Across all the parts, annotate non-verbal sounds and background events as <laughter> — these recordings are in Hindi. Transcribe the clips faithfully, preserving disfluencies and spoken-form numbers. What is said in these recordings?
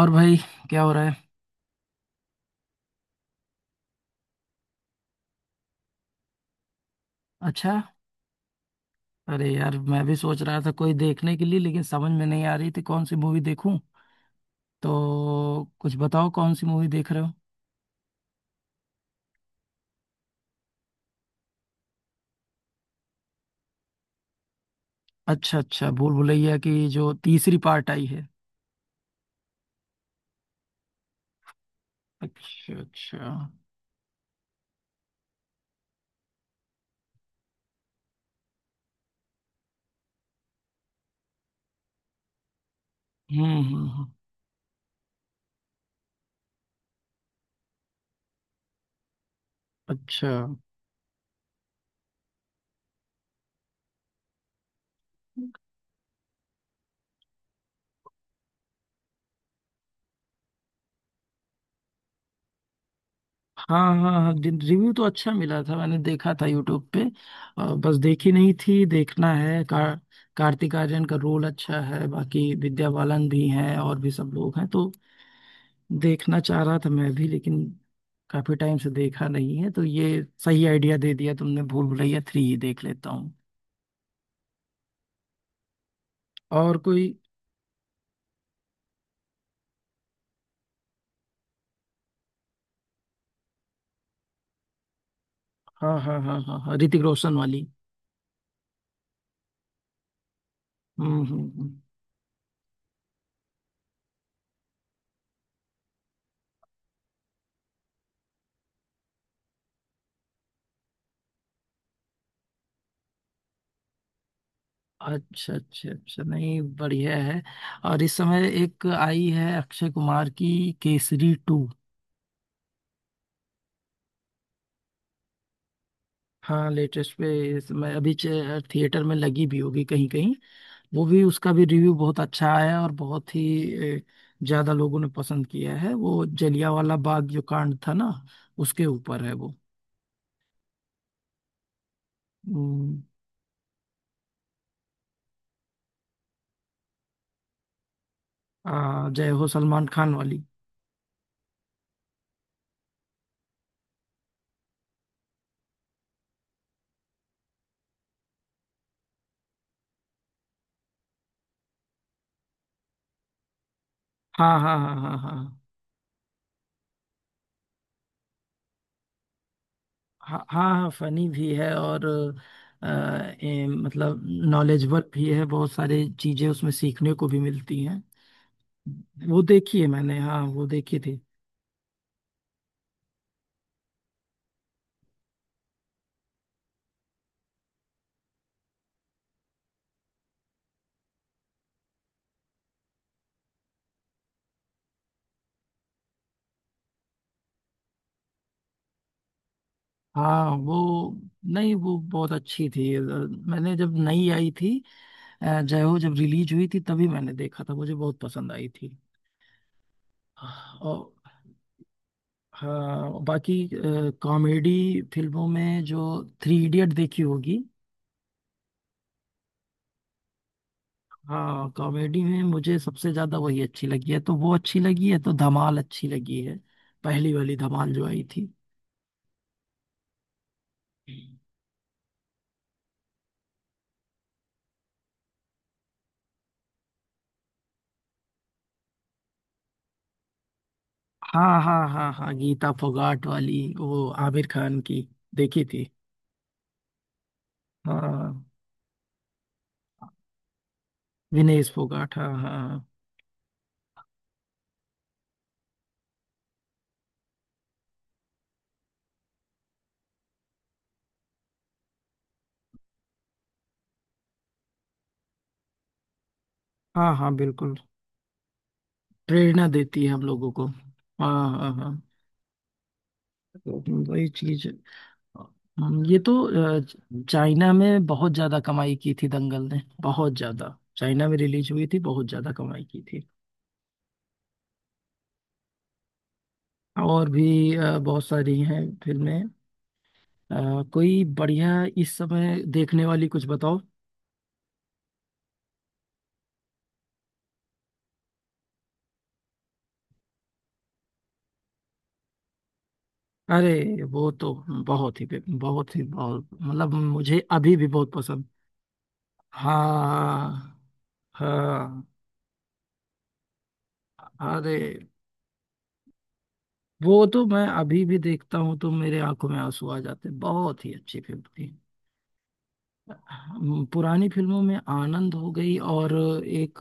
और भाई। क्या हो रहा है? अच्छा। अरे यार, मैं भी सोच रहा था कोई देखने के लिए, लेकिन समझ में नहीं आ रही थी कौन सी मूवी देखूं। तो कुछ बताओ, कौन सी मूवी देख रहे हो? अच्छा अच्छा, भूल भुलैया की जो तीसरी पार्ट आई है। अच्छा अच्छा। हम्म हम्म हम्म। अच्छा। हाँ हाँ हाँ, रिव्यू तो अच्छा मिला था, मैंने देखा था यूट्यूब पे। अ, बस देखी नहीं थी, देखना है का। कार्तिक आर्यन का रोल अच्छा है, बाकी विद्या बालन भी हैं और भी सब लोग हैं, तो देखना चाह रहा था मैं भी, लेकिन काफी टाइम से देखा नहीं है। तो ये सही आइडिया दे दिया तुमने, भूल भुलैया थ्री ही देख लेता हूँ। और कोई? हाँ हाँ हाँ हाँ हाँ, ऋतिक रोशन वाली। हम्म हम्म हम्म। अच्छा अच्छा अच्छा, नहीं बढ़िया है। और इस समय एक आई है अक्षय कुमार की, केसरी टू। हाँ लेटेस्ट पे, इस समय अभी थिएटर में लगी भी होगी कहीं कहीं। वो भी, उसका भी रिव्यू बहुत अच्छा आया, और बहुत ही अ, ज्यादा लोगों ने पसंद किया है। वो जलियांवाला बाग जो कांड था ना, उसके ऊपर है वो। हम्म। आ, जय हो, सलमान खान वाली। हाँ हाँ हाँ हाँ हाँ। हाँ हाँ हाँ, फनी भी है और अ, ए, मतलब नॉलेजेबल भी है, बहुत सारी चीजें उसमें सीखने को भी मिलती हैं। वो देखी है मैंने, हाँ वो देखी थी। हाँ वो, नहीं वो बहुत अच्छी थी। अ, मैंने जब नई आई थी, अ, जय हो जब रिलीज हुई थी, तभी मैंने देखा था, मुझे बहुत पसंद आई थी। और हाँ, बाकी कॉमेडी फिल्मों में जो थ्री इडियट देखी होगी। हाँ कॉमेडी में मुझे सबसे ज्यादा वही अच्छी लगी है, तो वो अच्छी लगी है, तो धमाल अच्छी लगी है। पहली वाली धमाल जो आई थी। हाँ हाँ हाँ हाँ, गीता फोगाट वाली, वो आमिर खान की। देखी थी। हाँ, विनेश फोगाट, हाँ हाँ। हाँ हाँ बिल्कुल। प्रेरणा देती है हम लोगों को। हाँ हाँ हाँ। वही चीज। हम्म, ये तो अ, चाइना में बहुत ज्यादा कमाई की थी दंगल ने, बहुत ज्यादा। चाइना में रिलीज हुई थी, बहुत ज्यादा कमाई की थी। और भी अ, बहुत सारी हैं फिल्में। अ, कोई बढ़िया इस समय देखने वाली कुछ बताओ। अरे वो तो बहुत ही, बहुत ही, बहुत, मतलब मुझे अभी भी बहुत पसंद। हाँ हाँ। अरे वो तो मैं अभी भी देखता हूँ तो मेरे आंखों में आंसू आ जाते हैं, बहुत ही अच्छी फिल्म थी। हम- पुरानी फिल्मों में आनंद हो गई, और एक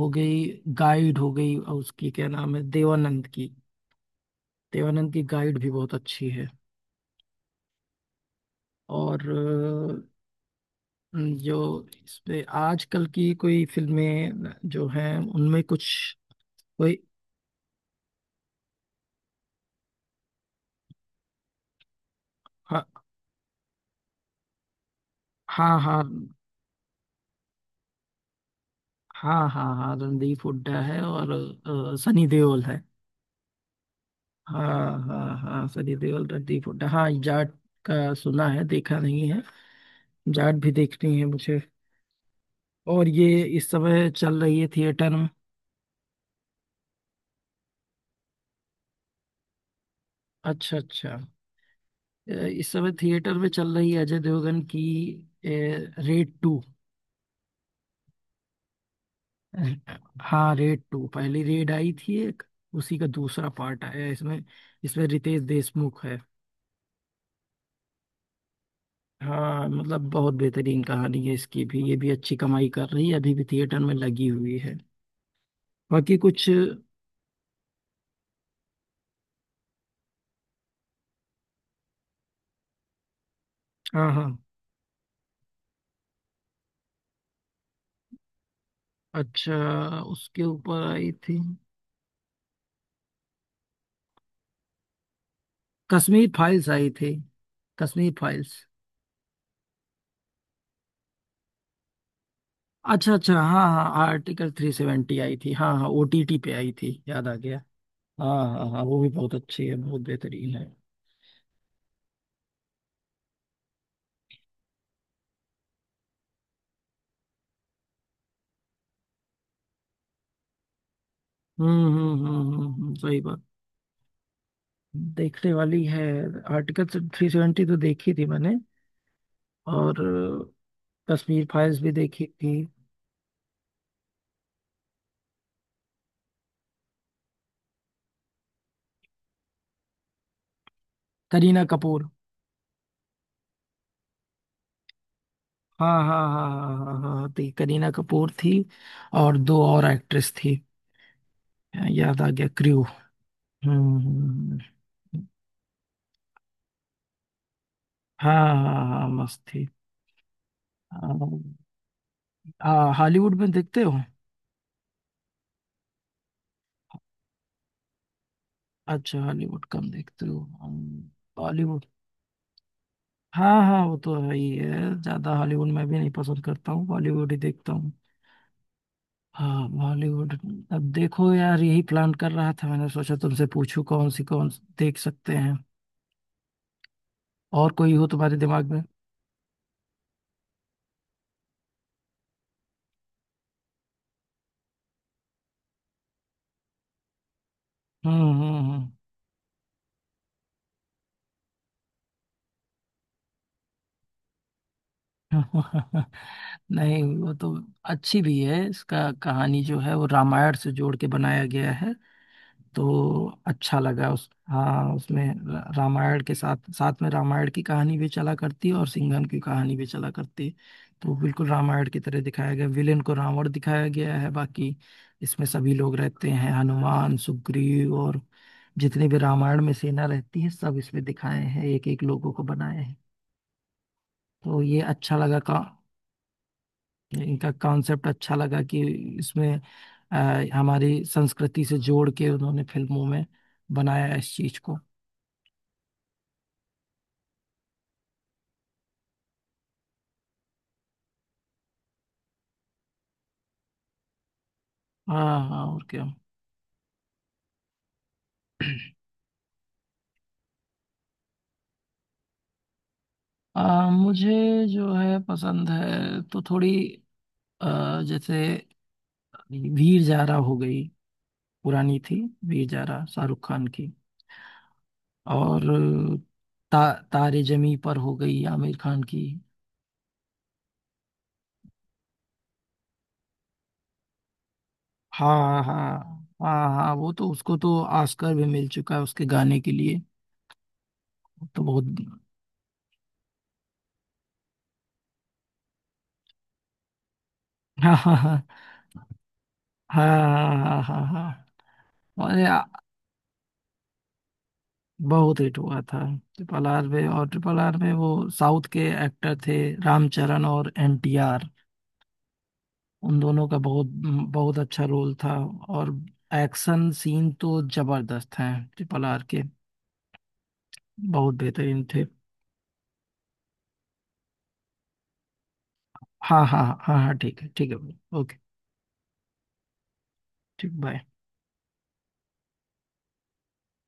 हो गई, गाइड हो गई। और उसकी क्या नाम है, देवानंद की? देवानंद की गाइड भी बहुत अच्छी है। और अ, जो इस पे आजकल की कोई फिल्में जो हैं, उनमें कुछ कोई? हाँ हाँ हाँ हाँ हाँ हाँ, रणदीप हुड्डा है और अ, सनी देओल है। हाँ हाँ हाँ, सनी देओल, रणदीप हुड्डा, हाँ जाट का सुना है, देखा नहीं है। जाट भी देखनी है मुझे। और ये इस समय चल रही है थिएटर में। अच्छा अच्छा। अ, इस समय थिएटर में चल रही है अजय देवगन की, रेड टू। हाँ रेड टू, पहली रेड आई थी एक, उसी का दूसरा पार्ट आया है इसमें। इसमें रितेश देशमुख है। हाँ मतलब बहुत बेहतरीन कहानी है इसकी भी, ये भी अच्छी कमाई कर रही है, अभी भी थिएटर में लगी हुई है। बाकी कुछ? हाँ हाँ। अच्छा, उसके ऊपर आई थी? कश्मीर फाइल्स आई थी, कश्मीर फाइल्स। अच्छा अच्छा, हाँ हाँ, आर्टिकल थ्री सेवेंटी आई थी, हाँ हाँ, ओटीटी पे आई थी, याद आ गया। हाँ हाँ हाँ, वो भी बहुत अच्छी है, बहुत बेहतरीन है। हम्म हम्म हम्म हम्म हम्म, सही बात, देखने वाली है। आर्टिकल थ्री सेवेंटी तो देखी थी मैंने, और अ, कश्मीर फाइल्स भी देखी थी। करीना कपूर, हाँ हाँ हाँ हाँ हाँ हाँ हाँ, थी करीना कपूर थी, और दो और एक्ट्रेस थी। हाँ, याद आ गया, क्रू। हम्म हम्म, हम्म। हाँ हाँ हाँ, मस्त थी। हाँ। हाँ, हॉलीवुड में देखते हो? अच्छा, हॉलीवुड कम देखते हो, हम्म, बॉलीवुड। हाँ हाँ, वो तो है ही है, ज्यादा हॉलीवुड मैं भी नहीं पसंद करता हूँ, बॉलीवुड ही देखता हूँ। हाँ बॉलीवुड। अब देखो यार, यही प्लान कर रहा था, मैंने सोचा तुमसे पूछूं कौन सी कौन सी देख सकते हैं, और कोई हो तुम्हारे दिमाग में? हम्म हम्म हम्म। <laughs> नहीं वो तो अच्छी भी है, इसका कहानी जो है वो रामायण से जोड़ के बनाया गया है, तो अच्छा लगा उस, हाँ उसमें रा- रामायण के साथ साथ में रामायण की कहानी भी चला करती है, और सिंघम की कहानी भी चला करती है। तो बिल्कुल रामायण की तरह दिखाया गया, विलेन को रावण दिखाया गया है। बाकी इसमें सभी लोग रहते हैं, हनुमान, सुग्रीव, और जितने भी रामायण में सेना रहती है, सब इसमें दिखाए हैं, एक एक लोगों को बनाए हैं। तो ये अच्छा लगा का, इनका कॉन्सेप्ट अच्छा लगा कि इसमें अ, हमारी संस्कृति से जोड़ के उन्होंने फिल्मों में बनाया इस चीज को। हाँ हाँ, और क्या? <clears throat> अ, मुझे जो है पसंद है तो थोड़ी, अ, जैसे वीर जारा हो गई, पुरानी थी, वीर जारा शाहरुख खान की। और ता, तारे जमी पर हो गई आमिर खान की। हाँ हाँ हाँ हाँ, वो तो उसको तो ऑस्कर भी मिल चुका है उसके गाने के लिए, वो तो बहुत। हाँ हाँ हाँ हाँ हाँ हाँ, अरे आ- बहुत हिट हुआ था। ट्रिपल आर में, और ट्रिपल आर में वो साउथ के एक्टर थे, रामचरण और एनटीआर। उन दोनों का बहुत बहुत अच्छा रोल था, और एक्शन सीन तो जबरदस्त हैं ट्रिपल आर के, बहुत बेहतरीन थे। हाँ हाँ हाँ हाँ हाँ, ठीक है, ठीक है, ओके। ठीक, बाय।